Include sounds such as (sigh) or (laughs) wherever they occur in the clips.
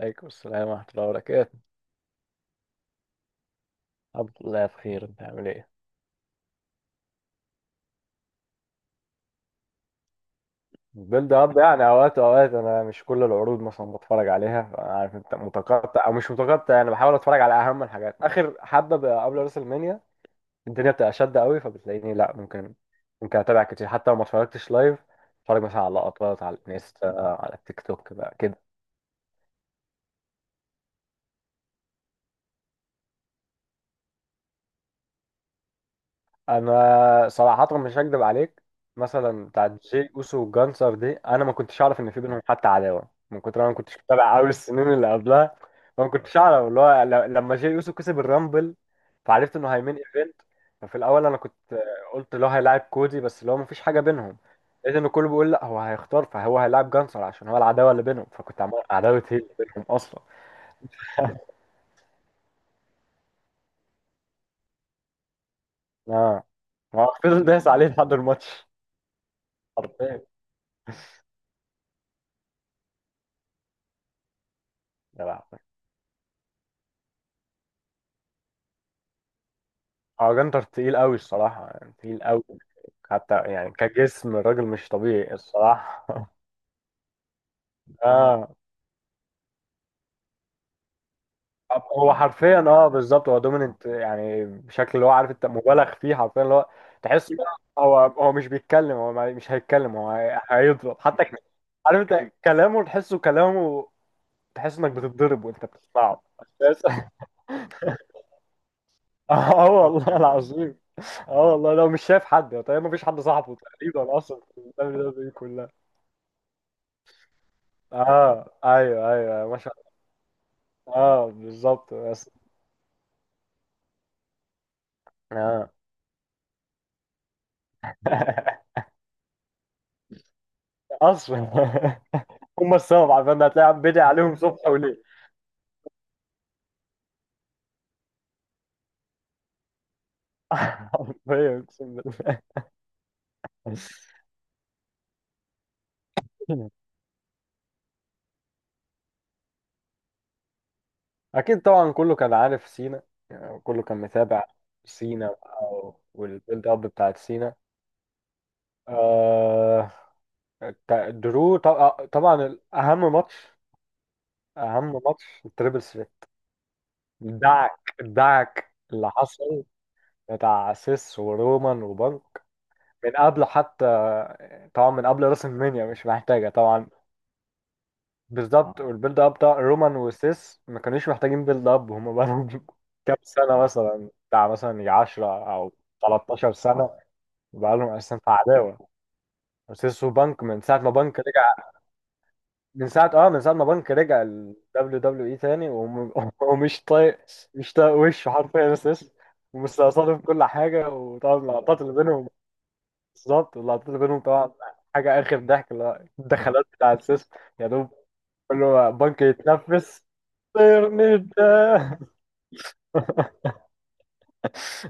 عليكم السلام ورحمة الله وبركاته. الحمد لله بخير، انت عامل ايه؟ البيلد اب يعني اوقات انا مش كل العروض مثلا بتفرج عليها، انا عارف انت متقطع او مش متقطع، انا بحاول اتفرج على اهم الحاجات اخر حبة بقى قبل راس المنيا. الدنيا بتبقى شادة قوي فبتلاقيني لا ممكن اتابع كتير حتى لو ما اتفرجتش لايف. اتفرج مثلا على لقطات على الانستا، على التيك توك بقى كده. انا صراحه مش هكدب عليك، مثلا بتاع جي اوسو وجانسر دي انا ما كنتش اعرف ان في بينهم حتى عداوه، من كتر ما أنا ما كنتش متابع قوي السنين اللي قبلها. ما كنتش اعرف اللي هو لما جي اوسو كسب الرامبل، فعرفت انه هيمين ايفنت. ففي الاول انا كنت قلت اللي هو هيلاعب كودي، بس اللي هو ما فيش حاجه بينهم. لقيت ان كله بيقول لا، هو هيختار فهو هيلاعب جانسر عشان هو العداوه اللي بينهم، فكنت عمال عداوه هي اللي بينهم اصلا. اه، ما هو فضل دايس عليه لحد الماتش حرفيا. يا لهوي. اه، جنتر تقيل قوي الصراحة، يعني تقيل قوي. حتى يعني كجسم الراجل مش طبيعي الصراحة. (laughs) اه، هو حرفيا اه بالظبط، هو دوميننت يعني بشكل اللي هو عارف انت مبالغ فيه حرفيا، اللي هو تحس هو مش بيتكلم، هو مش هيتكلم، هو هيضرب حتى عارف انت كلامه، تحسه كلامه، تحس انك بتتضرب وانت بتسمعه أساساً. (laughs) اه والله العظيم. اه والله، لو مش شايف حد طيب، ما فيش حد صاحبه تقريبا اصلا (laughs) في البلد دي كلها. اه ايوه ايوه، ما شاء الله. اه بالظبط، بس اه (laughs) اصلا هم السبب، عشان هتلاقي عم بدعي عليهم صبح وليل. (laughs) حرفيا اقسم بالله. اكيد طبعا، كله كان عارف سينا، يعني كله كان متابع. سينا بقى والبيلد اب بتاعت سينا، آه، درو طبعا طبعاً اهم ماتش، اهم ماتش التريبل سري. دعك دعك اللي حصل بتاع سيس ورومان وبنك من قبل حتى، طبعا من قبل راس المنيا مش محتاجة طبعا. بالظبط اه، والبيلد اب بتاع رومان وسيس ما كانوش محتاجين بيلد اب، هم بقالهم (laughs) كام سنة اه، مثلا بتاع مثلا يجي 10 أو 13 سنة بقالهم أساسا في عداوة. وسيس وبنك من ساعة ما بنك رجع، من ساعة اه من ساعة ما بنك رجع ال WWE تاني (laughs) ومش طايق، مش طايق وشه حرفيا سيس، ومستقصده في كل حاجة، وطبعا اللقطات اللي بينهم. بالظبط اللقطات اللي بينهم طبعا حاجة آخر ضحك، اللي هو الدخلات بتاع السيستم يا دوب كله بنك يتنفس. طيرني ده. (laughs)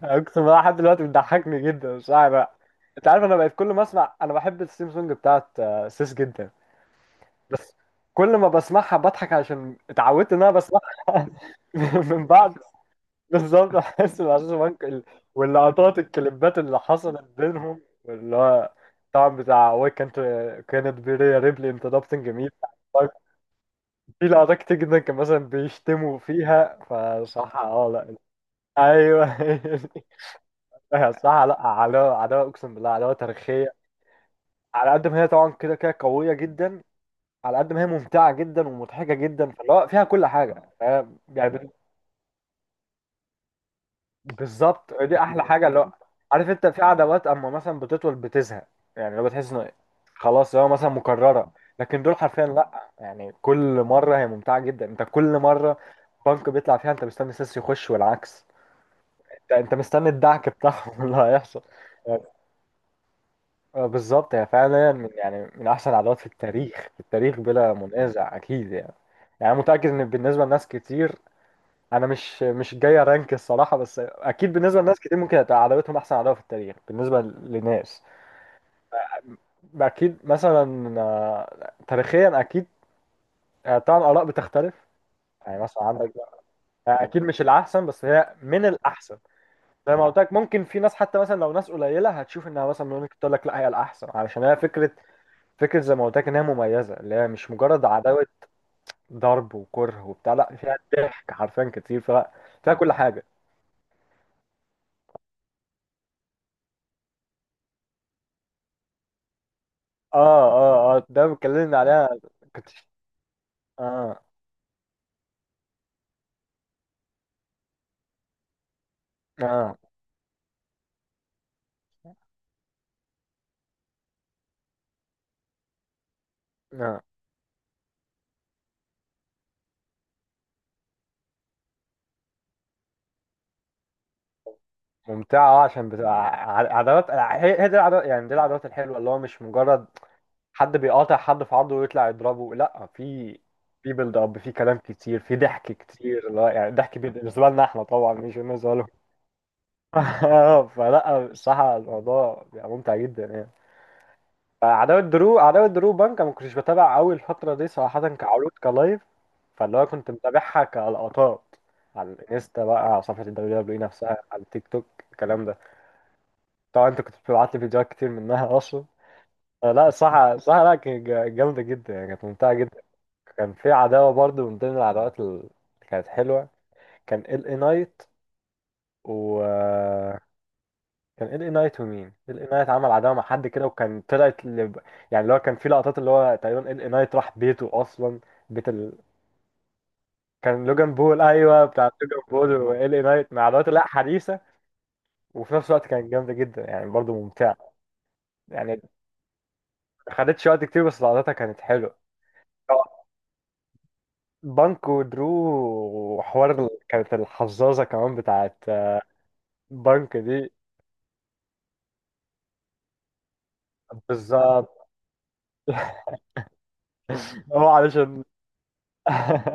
أقسم بالله لحد دلوقتي بتضحكني جدا، مش عارف بقى. أنت عارف أنا بقيت كل ما أسمع، أنا بحب الثيم سونج بتاعت آه، سيس جدا بس، كل ما بسمعها بضحك عشان اتعودت إن أنا بسمعها (laughs) من بعد. بالظبط احس بعشاش بنك واللقطات الكليبات اللي حصلت بينهم، اللي هو طبعا بتاع وي، كانت كانت بيريا ريبلي انتربتنج مي. في لقطات كتير جدا، كان مثلا بيشتموا فيها فصح، اه لا ايوه. (laughs) صح، لا، عداوه عداوه اقسم بالله، عداوه تاريخيه. على قد ما هي طبعا كده كده قويه جدا، على قد ما هي ممتعه جدا ومضحكه جدا، فاللي هو فيها كل حاجه، فاهم؟ يعني بالظبط دي احلى حاجه. اللي هو عارف انت في عدوات اما مثلا بتطول بتزهق، يعني لو بتحس انه خلاص هو مثلا مكرره، لكن دول حرفيا لا، يعني كل مره هي ممتعه جدا. انت كل مره بنك بيطلع فيها انت مستني سيس يخش، والعكس. انت انت مستني الدعك بتاعهم (laughs) اللي هيحصل يعني. آه، بالظبط، هي فعلا من يعني من احسن العدوات في التاريخ، في التاريخ بلا منازع اكيد يعني. يعني متاكد ان بالنسبه لناس كتير، انا مش مش جاي ارانك الصراحه، بس اكيد بالنسبه لناس كتير ممكن هتبقى عداوتهم احسن عداوه في التاريخ بالنسبه لناس. اكيد مثلا آه، تاريخيا اكيد. آه، طبعا الاراء بتختلف، يعني مثلا عندك آه، اكيد مش الاحسن بس هي من الاحسن. زي ما قلت لك، ممكن في ناس حتى مثلا لو ناس قليله هتشوف انها مثلا ممكن تقول لك لا، هي الاحسن، علشان هي فكره، فكره زي ما قلت لك انها مميزه، اللي هي مش مجرد عداوه ضرب وكره وبتاع، لا فيها ضحك حرفيا كتير، فيها فيها كل حاجه. اه اه، اه ده اتكلمنا عليها. كنت اه اه اه ممتعة اه، عشان بتبقى عداوات، هي هي دي العداوات، يعني دي العداوات الحلوة اللي هو مش مجرد حد بيقاطع حد في عرضه ويطلع يضربه. لا، في في بيلد اب، في كلام كتير، في ضحك كتير، لا يعني ضحك بالنسبة لنا احنا طبعا، مش بالنسبة لهم. (laughs) فلا الصراحة، الموضوع بيبقى ممتع جدا يعني. فعداوة درو، عداوة درو بانك، ما كنتش بتابع قوي الفترة دي صراحة كعروض كلايف، فاللي هو كنت متابعها كلقطات على الانستا بقى، على صفحة الدبليو دبليو نفسها، على التيك توك الكلام ده. طبعا انت كنت بتبعت لي فيديوهات كتير منها اصلا. آه، لا الصراحة، الصراحة لا كانت جامدة جدا، يعني كانت ممتعة جدا. كان في عداوة برضو من ضمن العداوات اللي كانت حلوة، كان ال اي نايت و كان ال اي نايت، ومين ال اي نايت عمل عداوه مع حد كده، وكان طلعت ل... يعني اللي هو كان في لقطات اللي هو تقريبا ال اي نايت راح بيته اصلا، بيت ال... كان لوجان بول، ايوه بتاع لوجان بول، وال اي نايت مع الوقت لا حديثه. وفي نفس الوقت كانت جامده جدا يعني، برضه ممتعه يعني. ما خدتش وقت كتير بس لقطاتها كانت حلوه. بانك ودرو، وحوار كانت الحظاظه كمان بتاعت بانك دي. بالظبط، هو علشان (laughs)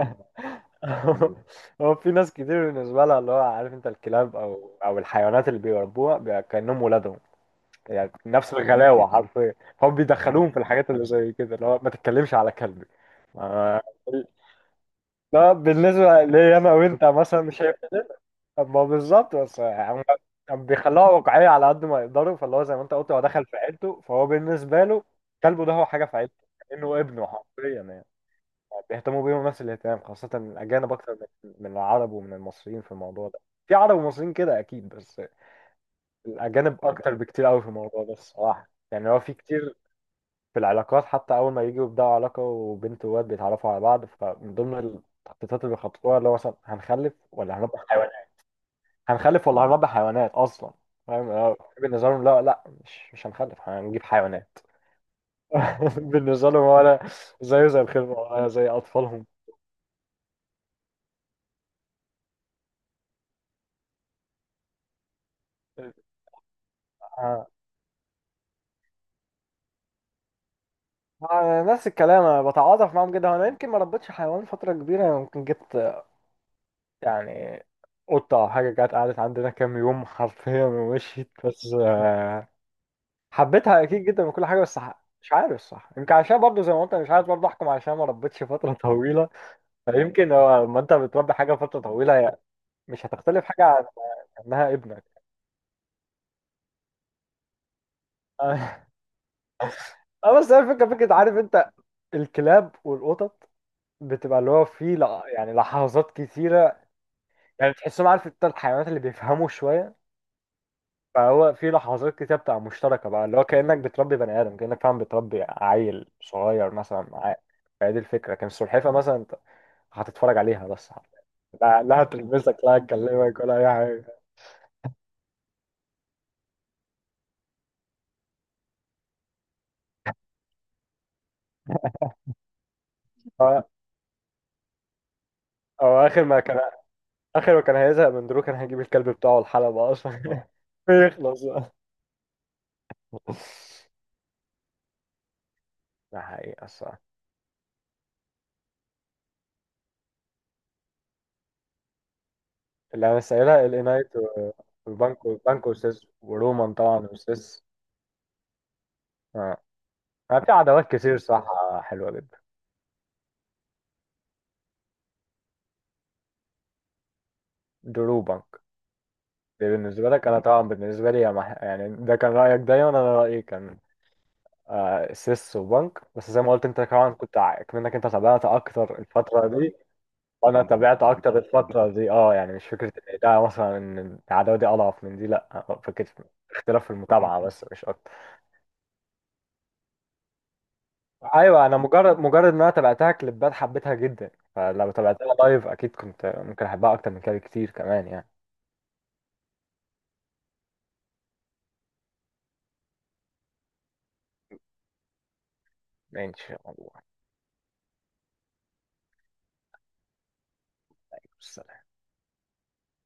هو في ناس كتير بالنسبة لها اللي هو عارف انت الكلاب او او الحيوانات اللي بيربوها كأنهم ولادهم، يعني نفس الغلاوة (laughs) حرفيا. هم بيدخلوهم في الحاجات اللي زي كده، اللي هو ما تتكلمش على كلبي. ما- لا، بالنسبة لي انا وانت مثلا شايف، ما بالظبط، بس هم هم بيخلوها واقعية على قد ما يقدروا، فاللي هو زي ما انت قلت هو دخل في عيلته، فهو بالنسبة له كلبه ده هو حاجة في عيلته، كأنه ابنه حرفيا يعني. بيهتموا بيهم نفس الاهتمام، خاصة الأجانب أكتر من من العرب ومن المصريين في الموضوع ده. في عرب ومصريين كده أكيد، بس الأجانب أكتر بكتير أوي في الموضوع ده الصراحة. يعني هو في كتير في العلاقات حتى، أول ما يجوا يبدأوا علاقة وبنت وواد بيتعرفوا على بعض، فمن ضمن التخطيطات اللي بيخططوها اللي هو مثلا هنخلف ولا هنربي حيوانات، هنخلف ولا هنربي حيوانات أصلا. فاهم، هو بالنسبة لهم لا لا، مش مش هنخلف، هنجيب حيوانات. (laughs) بالنسبة لهم ولا زيه زي الخلفة، ولا زي أطفالهم. آه. آه، نفس الكلام، انا بتعاطف معاهم جدا، انا يمكن ما ربيتش حيوان فتره كبيره، أنا ممكن جبت يعني قطه او حاجه، جت قعدت عندنا كام يوم حرفيا ومشيت، بس آه، حبيتها اكيد جدا وكل حاجه، بس مش عارف صح، يمكن عشان برضه زي ما قلت أنا مش عارف برضه احكم عشان ما ربيتش فتره (laughs) طويله. فيمكن هو لما انت بتربي حاجه فتره طويله، هي مش هتختلف حاجه عن انها ابنك. (laughs) اه آه، بس هي الفكره، فكره عارف انت، الكلاب والقطط بتبقى اللي هو في يعني لحظات كتيرة، يعني تحسهم عارف انت الحيوانات اللي بيفهموا شوية، فهو في لحظات كتير بتبقى مشتركة بقى، اللي هو كأنك بتربي بني آدم، كأنك فعلا بتربي عيل صغير مثلا معاك. فهي دي الفكرة، كان السلحفاة مثلا انت هتتفرج عليها بس، لا لا هتلمسك، لا هتكلمك ولا أي حاجة. هو هو آخر ما كان، آخر ما كان هيزهق من درو كان هيجيب الكلب بتاعه الحلبة أصلا (laughs) يخلص بقى. ده حقيقة الصراحة. اللي أنا سائلها الإنايت و- وبانكو، بانكو وسيس ورومان طبعا وسيس. آه. ما في عداوات كتير صح، حلوة جدا. درو بنك دي بالنسبة لك، أنا طبعا بالنسبة لي يا مح... يعني ده كان رأيك دايما، أنا رأيي كان آه سيس وبنك، بس زي ما قلت أنت طبعا كنت كأنك أنت تابعت أكتر الفترة دي، وأنا تابعت أكتر الفترة دي أه، يعني مش فكرة إن ده مثلا إن العداوة دي أضعف من دي، لأ فكرة اختلاف في المتابعة بس مش أكتر. أيوة، أنا مجرد مجرد إن أنا تابعتها كليبات حبيتها جدا، فلو تابعتها لايف أكيد كنت ممكن أحبها أكتر من كده بكتير كمان يعني. ماشي والله.